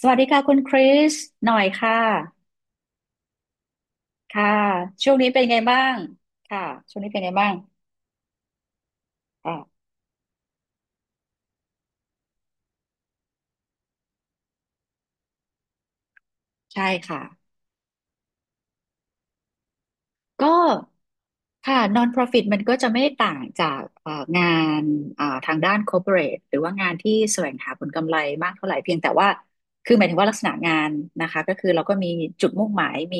สวัสดีค่ะคุณคริสหน่อยค่ะค่ะช่วงนี้เป็นไงบ้างค่ะช่วงนี้เป็นไงบ้างอ่าใช่ค่ะ ก็ค่ะ non-profit มันก็จะไม่ต่างจากงานทางด้าน corporate หรือว่างานที่แสวงหาผลกำไรมากเท่าไหร่เพียงแต่ว่าคือหมายถึงว่าลักษณะงานนะคะก็คือเราก็มีจุดมุ่งหมาย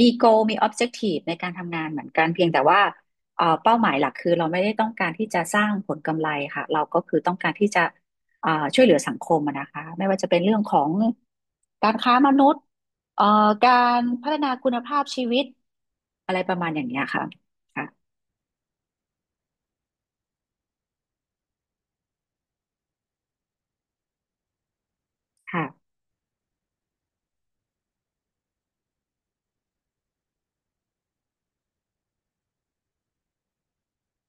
มี goal มี objective ในการทำงานเหมือนกันเพียงแต่ว่าเป้าหมายหลักคือเราไม่ได้ต้องการที่จะสร้างผลกำไรค่ะเราก็คือต้องการที่จะช่วยเหลือสังคมอะนะคะไม่ว่าจะเป็นเรื่องของการค้ามนุษย์ เอ่อการพัฒนาคุณภาพชีวิตอะไรประมาณอย่างเนี้ยค่ะค่ะค่ะ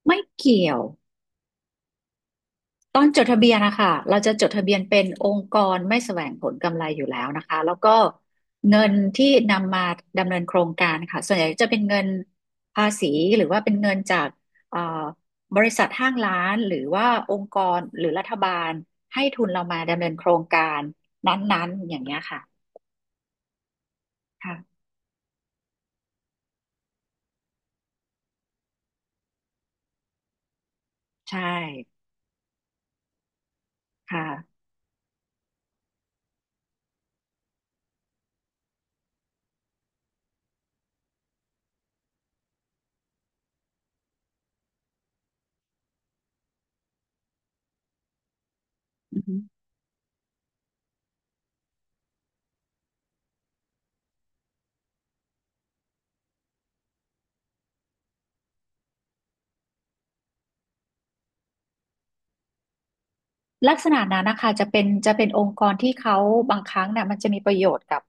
ไม่เกี่ยวตอนจดทะเบียนนะคะเราจะจดทะเบียนเป็นองค์กรไม่แสวงผลกำไรอยู่แล้วนะคะแล้วก็เงินที่นำมาดำเนินโครงการค่ะส่วนใหญ่จะเป็นเงินภาษีหรือว่าเป็นเงินจากเอ่อบริษัทห้างร้านหรือว่าองค์กรหรือรัฐบาลให้ทุนเรามาดำเนินโครงการนั้นๆอย่างเงี้ยค่ะค่ะใช่ค่ะ ลักษณะนั้นนะคะจะเป็นองค์กรที่เขาบางครั้งเนี่ยมันจะมีประโยชน์กับ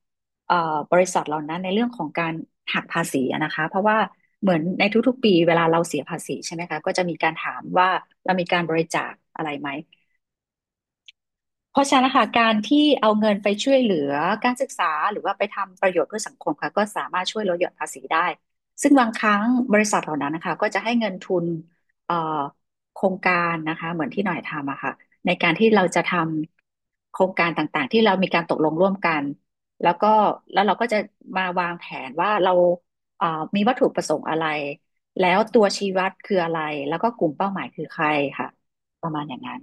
บริษัทเหล่านั้นในเรื่องของการหักภาษีอะนะคะเพราะว่าเหมือนในทุกๆปีเวลาเราเสียภาษีใช่ไหมคะก็จะมีการถามว่าเรามีการบริจาคอะไรไหม เพราะฉะนั้นนะคะการที่เอาเงินไปช่วยเหลือการศึกษาหรือว่าไปทำประโยชน์เพื่อสังคมค่ะก็สามารถช่วยลดหย่อนภาษีได้ซึ่งบางครั้งบริษัทเหล่านั้นนะคะก็จะให้เงินทุนเอ่อโครงการนะคะเหมือนที่หน่อยทำอะค่ะในการที่เราจะทำโครงการต่างๆที่เรามีการตกลงร่วมกันแล้วก็แล้วเราก็จะมาวางแผนว่าเราเอ่อมีวัตถุประสงค์อะไรแล้วตัวชี้วัดคืออะไรแล้วก็กลุ่มเป้าหมายคือใครค่ะประมาณอย่างนั้น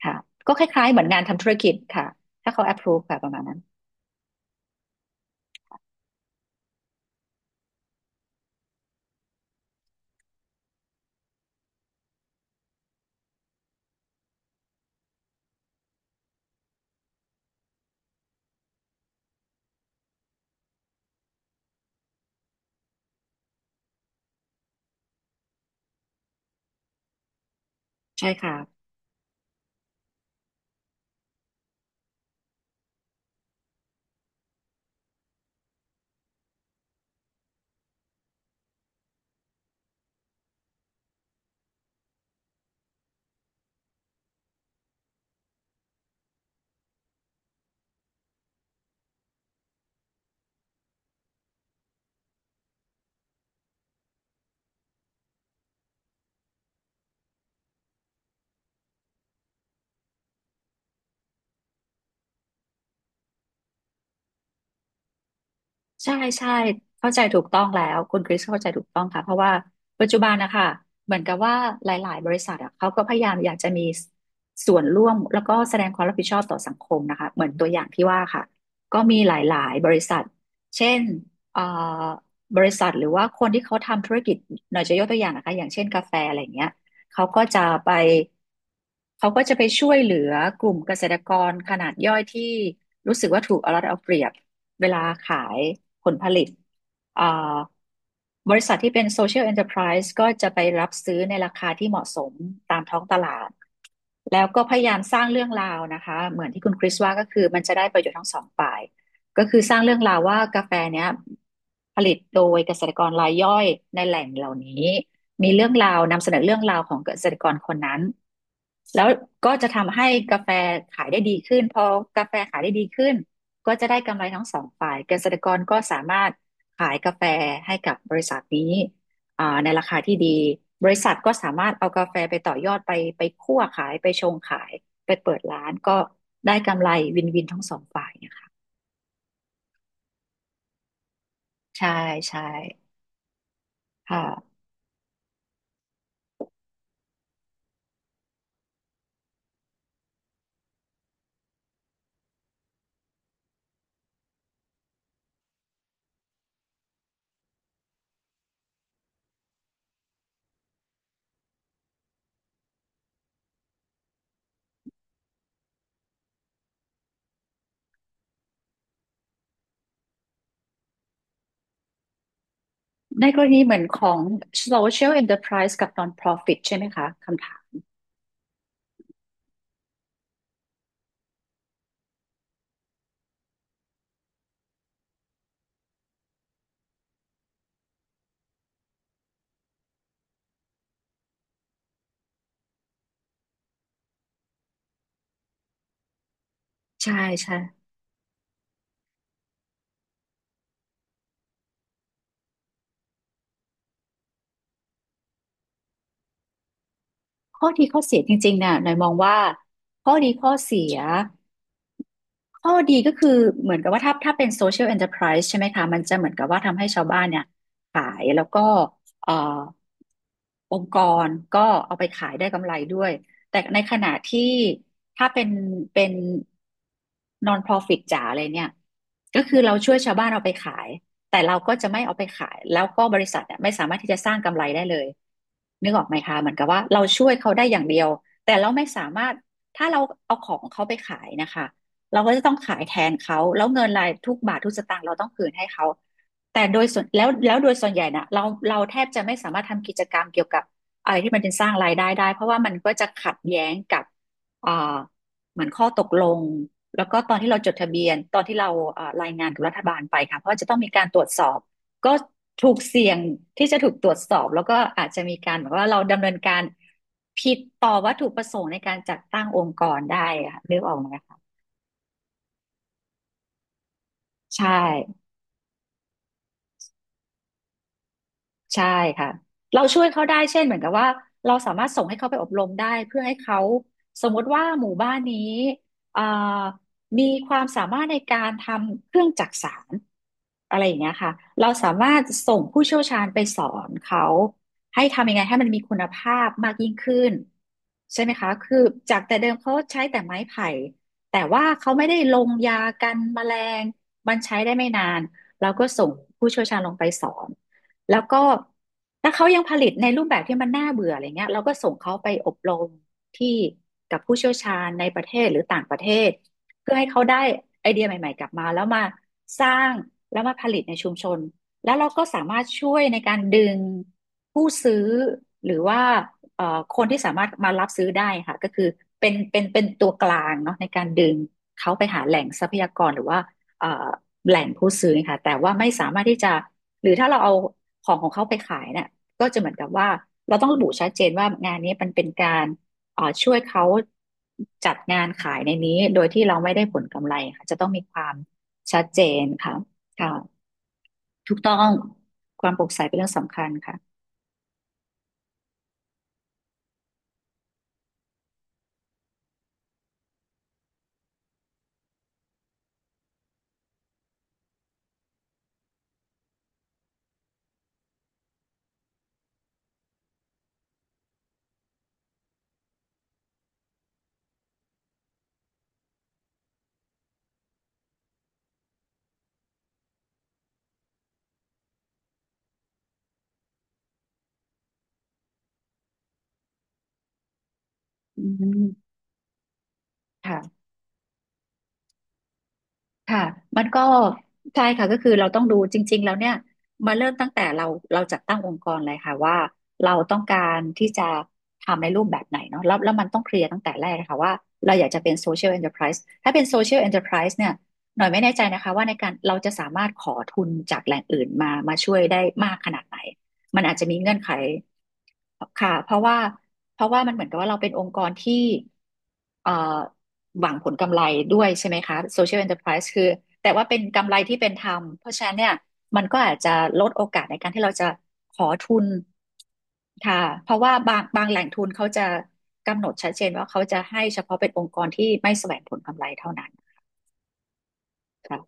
ค่ะก็คล้ายๆเหมือนงานทำธุรกิจค่ะถ้าเขา approve ค่ะประมาณนั้นใช่ค่ะใช่ใช่เข้าใจถูกต้องแล้วคุณคริสเข้าใจถูกต้องค่ะเพราะว่าปัจจุบันนะคะเหมือนกับว่าหลายๆบริษัทอะเขาก็พยายามอยากจะมีส่วนร่วมแล้วก็แสดงความรับผิดชอบต่อสังคมนะคะเหมือนตัวอย่างที่ว่าค่ะก็มีหลายๆบริษัทเช่นเอ่อบริษัทหรือว่าคนที่เขาทำธุรกิจหน่อยจะยกตัวอย่างนะคะอย่างเช่นกาแฟอะไรอย่างเงี้ย เขาก็จะไปช่วยเหลือกลุ่มเกษตรกรขนาดย่อยที่รู้สึกว่าถูกเอารัดเอาเปรียบเวลาขายผลผลิตอ่าบริษัทที่เป็น Social Enterprise ก็จะไปรับซื้อในราคาที่เหมาะสมตามท้องตลาดแล้วก็พยายามสร้างเรื่องราวนะคะเหมือนที่คุณคริสว่าก็คือมันจะได้ประโยชน์ทั้งสองฝ่ายก็คือสร้างเรื่องราวว่ากาแฟเนี้ยผลิตโดยเกษตรกรรายย่อยในแหล่งเหล่านี้ มีเรื่องราวนำเสนอเรื่องราวของเกษตรกรคนนั้นแล้วก็จะทำให้กาแฟขายได้ดีขึ้นพอกาแฟขายได้ดีขึ้นก็จะได้กำไรทั้งสองฝ่ายเกษตรกรก็สามารถขายกาแฟให้กับบริษัทนี้อ่าในราคาที่ดีบริษัทก็สามารถเอากาแฟไปต่อยอดไปคั่วขายไปชงขายไปเปิดร้านก็ได้กำไรวินวินทั้งสองฝ่ายนะคะใช่ใช่ค่ะในกรณีเหมือนของ social enterprise กับ non-profit ใช่ไหมคะคำถาม ใช่ใช่ข้อดีข้อเสียจริงๆน่ะหน่อยมองว่าข้อดีข้อเสีย ข้อดีก็คือเหมือนกับว่าถ้าเป็น social enterprise ใช่ไหมคะมันจะเหมือนกับว่าทำให้ชาวบ้านเนี่ยขายแล้วก็เอ่อองค์กรก็เอาไปขายได้กำไรด้วยแต่ในขณะที่ถ้าเป็น non-profit จ๋าเลยเนี่ยก็คือเราช่วยชาวบ้านเอาไปขายแต่เราก็จะไม่เอาไปขายแล้วก็บริษัทเนี่ยไม่สามารถที่จะสร้างกำไรได้เลยนึกออกไหมคะเหมือนกับว่าเราช่วยเขาได้อย่างเดียวแต่เราไม่สามารถถ้าเราเอาของเขาไปขายนะคะ เราก็จะต้องขายแทนเขาแล้วเงินรายทุกบาททุกสตางค์เราต้องคืนให้เขาแต่โดยส่วนแล้วแล้วโดยส่วนใหญ่นะเราแทบจะไม่สามารถทำกิจกรรมเกี่ยวกับอะไรที่มันเป็นสร้างรายได้ได้เพราะว่ามันก็จะขัดแย้งกับเอ่อเหมือนข้อตกลงแล้วก็ตอนที่เราจดทะเบียนตอนที่เรารายงานกับรัฐบาลไปค่ะเพราะว่าจะต้องมีการตรวจสอบก็ถูกเสี่ยงที่จะถูกตรวจสอบแล้วก็อาจจะมีการแบบว่าเราดำเนินการผิดต่อวัตถุประสงค์ในการจัดตั้งองค์กรได้อะค่ะนึกออกไหม ใช่ ใช่ค่ะ เราช่วยเขาได้ เช่นเหมือนกับว่าเราสามารถส่งให้เขาไปอบรมได้เพื่อให้เขาสมมติว่าหมู่บ้านนี้เอ่อมีความสามารถในการทำเครื่องจักสานอะไรอย่างเงี้ยค่ะเราสามารถส่งผู้เชี่ยวชาญไปสอนเขาให้ทำยังไงให้มันมีคุณภาพมากยิ่งขึ้นใช่ไหมคะคือจากแต่เดิมเขาใช้แต่ไม้ไผ่แต่ว่าเขาไม่ได้ลงยากันแมลงมันใช้ได้ไม่นานเราก็ส่งผู้เชี่ยวชาญลงไปสอน แล้วก็ถ้าเขายังผลิตในรูปแบบที่มันน่าเบื่ออะไรเงี้ยเราก็ส่งเขาไปอบรมที่กับผู้เชี่ยวชาญในประเทศหรือต่างประเทศเพื่อให้เขาได้ไอเดียใหม่ๆกลับมาแล้วมาสร้างแล้วมาผลิตในชุมชนแล้วเราก็สามารถช่วยในการดึงผู้ซื้อหรือว่าคนที่สามารถมารับซื้อได้ค่ะก็คือเป็นตัวกลางเนาะในการดึงเขาไปหาแหล่งทรัพยากรหรือว่าเอ่อแหล่งผู้ซื้อค่ะแต่ว่าไม่สามารถที่จะ หรือถ้าเราเอาของเขาไปขายเนี่ยก็จะเหมือนกับว่าเราต้องระบุชัดเจนว่างานนี้มันเป็นการช่วยเขาจัดงานขายในนี้โดยที่เราไม่ได้ผลกำไรค่ะจะต้องมีความชัดเจนค่ะค่ะถูกต้องความโปร่งใสเป็นเรื่องสำคัญค่ะอืมค่ะ ค่ะมันก็ใช่ค่ะก็คือเราต้องดูจริงๆแล้วเนี่ยมาเริ่มตั้งแต่เราจัดตั้งองค์กรเลยค่ะว่าเราต้องการที่จะทำในรูปแบบไหนเนาะแล้วมันต้องเคลียร์ตั้งแต่แรกค่ะว่าเราอยากจะเป็นโซเชียล n อ e r p r i s e ถ้าเป็นโซเชียล n อ e r p r i s e เนี่ยหน่อยไม่แน่ใจนะคะว่าในการเราจะสามารถขอทุนจากแหล่งอื่นมาช่วยได้มากขนาดไหน มันอาจจะมีเงื่อนไขค่ะเพราะว่ามันเหมือนกับว่าเราเป็นองค์กรที่เอ่อหวังผลกำไรด้วยใช่ไหมคะ Social Enterprise คือแต่ว่าเป็นกำไรที่เป็นธรรมเพราะฉะนั้นเนี่ยมันก็อาจจะลดโอกาสในการที่เราจะขอทุนค่ะเพราะว่าบางแหล่งทุนเขาจะกำหนดชัดเจนว่าเขาจะให้เฉพาะเป็นองค์กรที่ไม่แสวงผลกำไรเท่านั้นค่ะ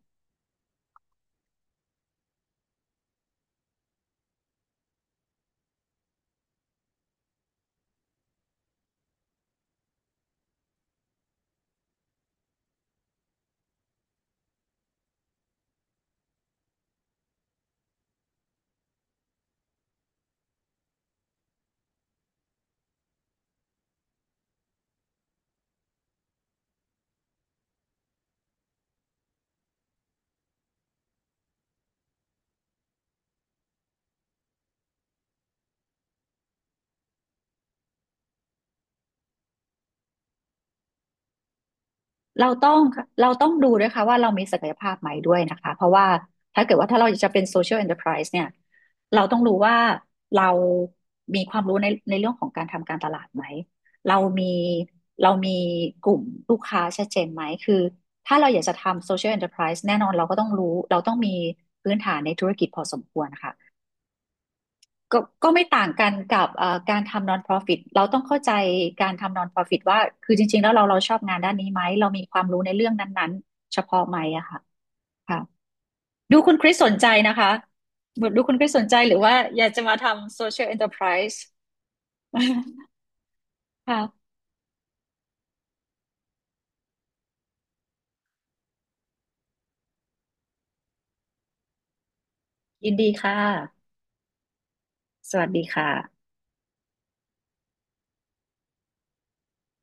เราต้องเราต้องดูด้วยค่ะว่าเรามีศักยภาพไหมด้วยนะคะเพราะว่าถ้าเกิดว่าถ้าเราจะเป็น social enterprise เนี่ยเราต้องรู้ว่าเรามีความรู้ในเรื่องของการทำการตลาดไหมเรามีเรามีกลุ่มลูกค้าชัดเจนไหมคือถ้าเราอยากจะทำ social enterprise แน่นอนเราก็ต้องรู้เราต้องมีพื้นฐานในธุรกิจพอสมควรค่ะ ก็ไม่ต่างกันกับการทำ non-profit เราต้องเข้าใจการทำ non-profit ว่าคือจริงๆแล้วเราชอบงานด้านนี้ไหมเรามีความรู้ในเรื่องนั้นๆเฉพาะไหมอะค่ะค่ะดูคุณคริสสนใจนะคะดูคุณคริสสนใจหรือว่าอยากจะมาทำ social enterprise ค่ะยินดีค่ะสวัสดีค่ะ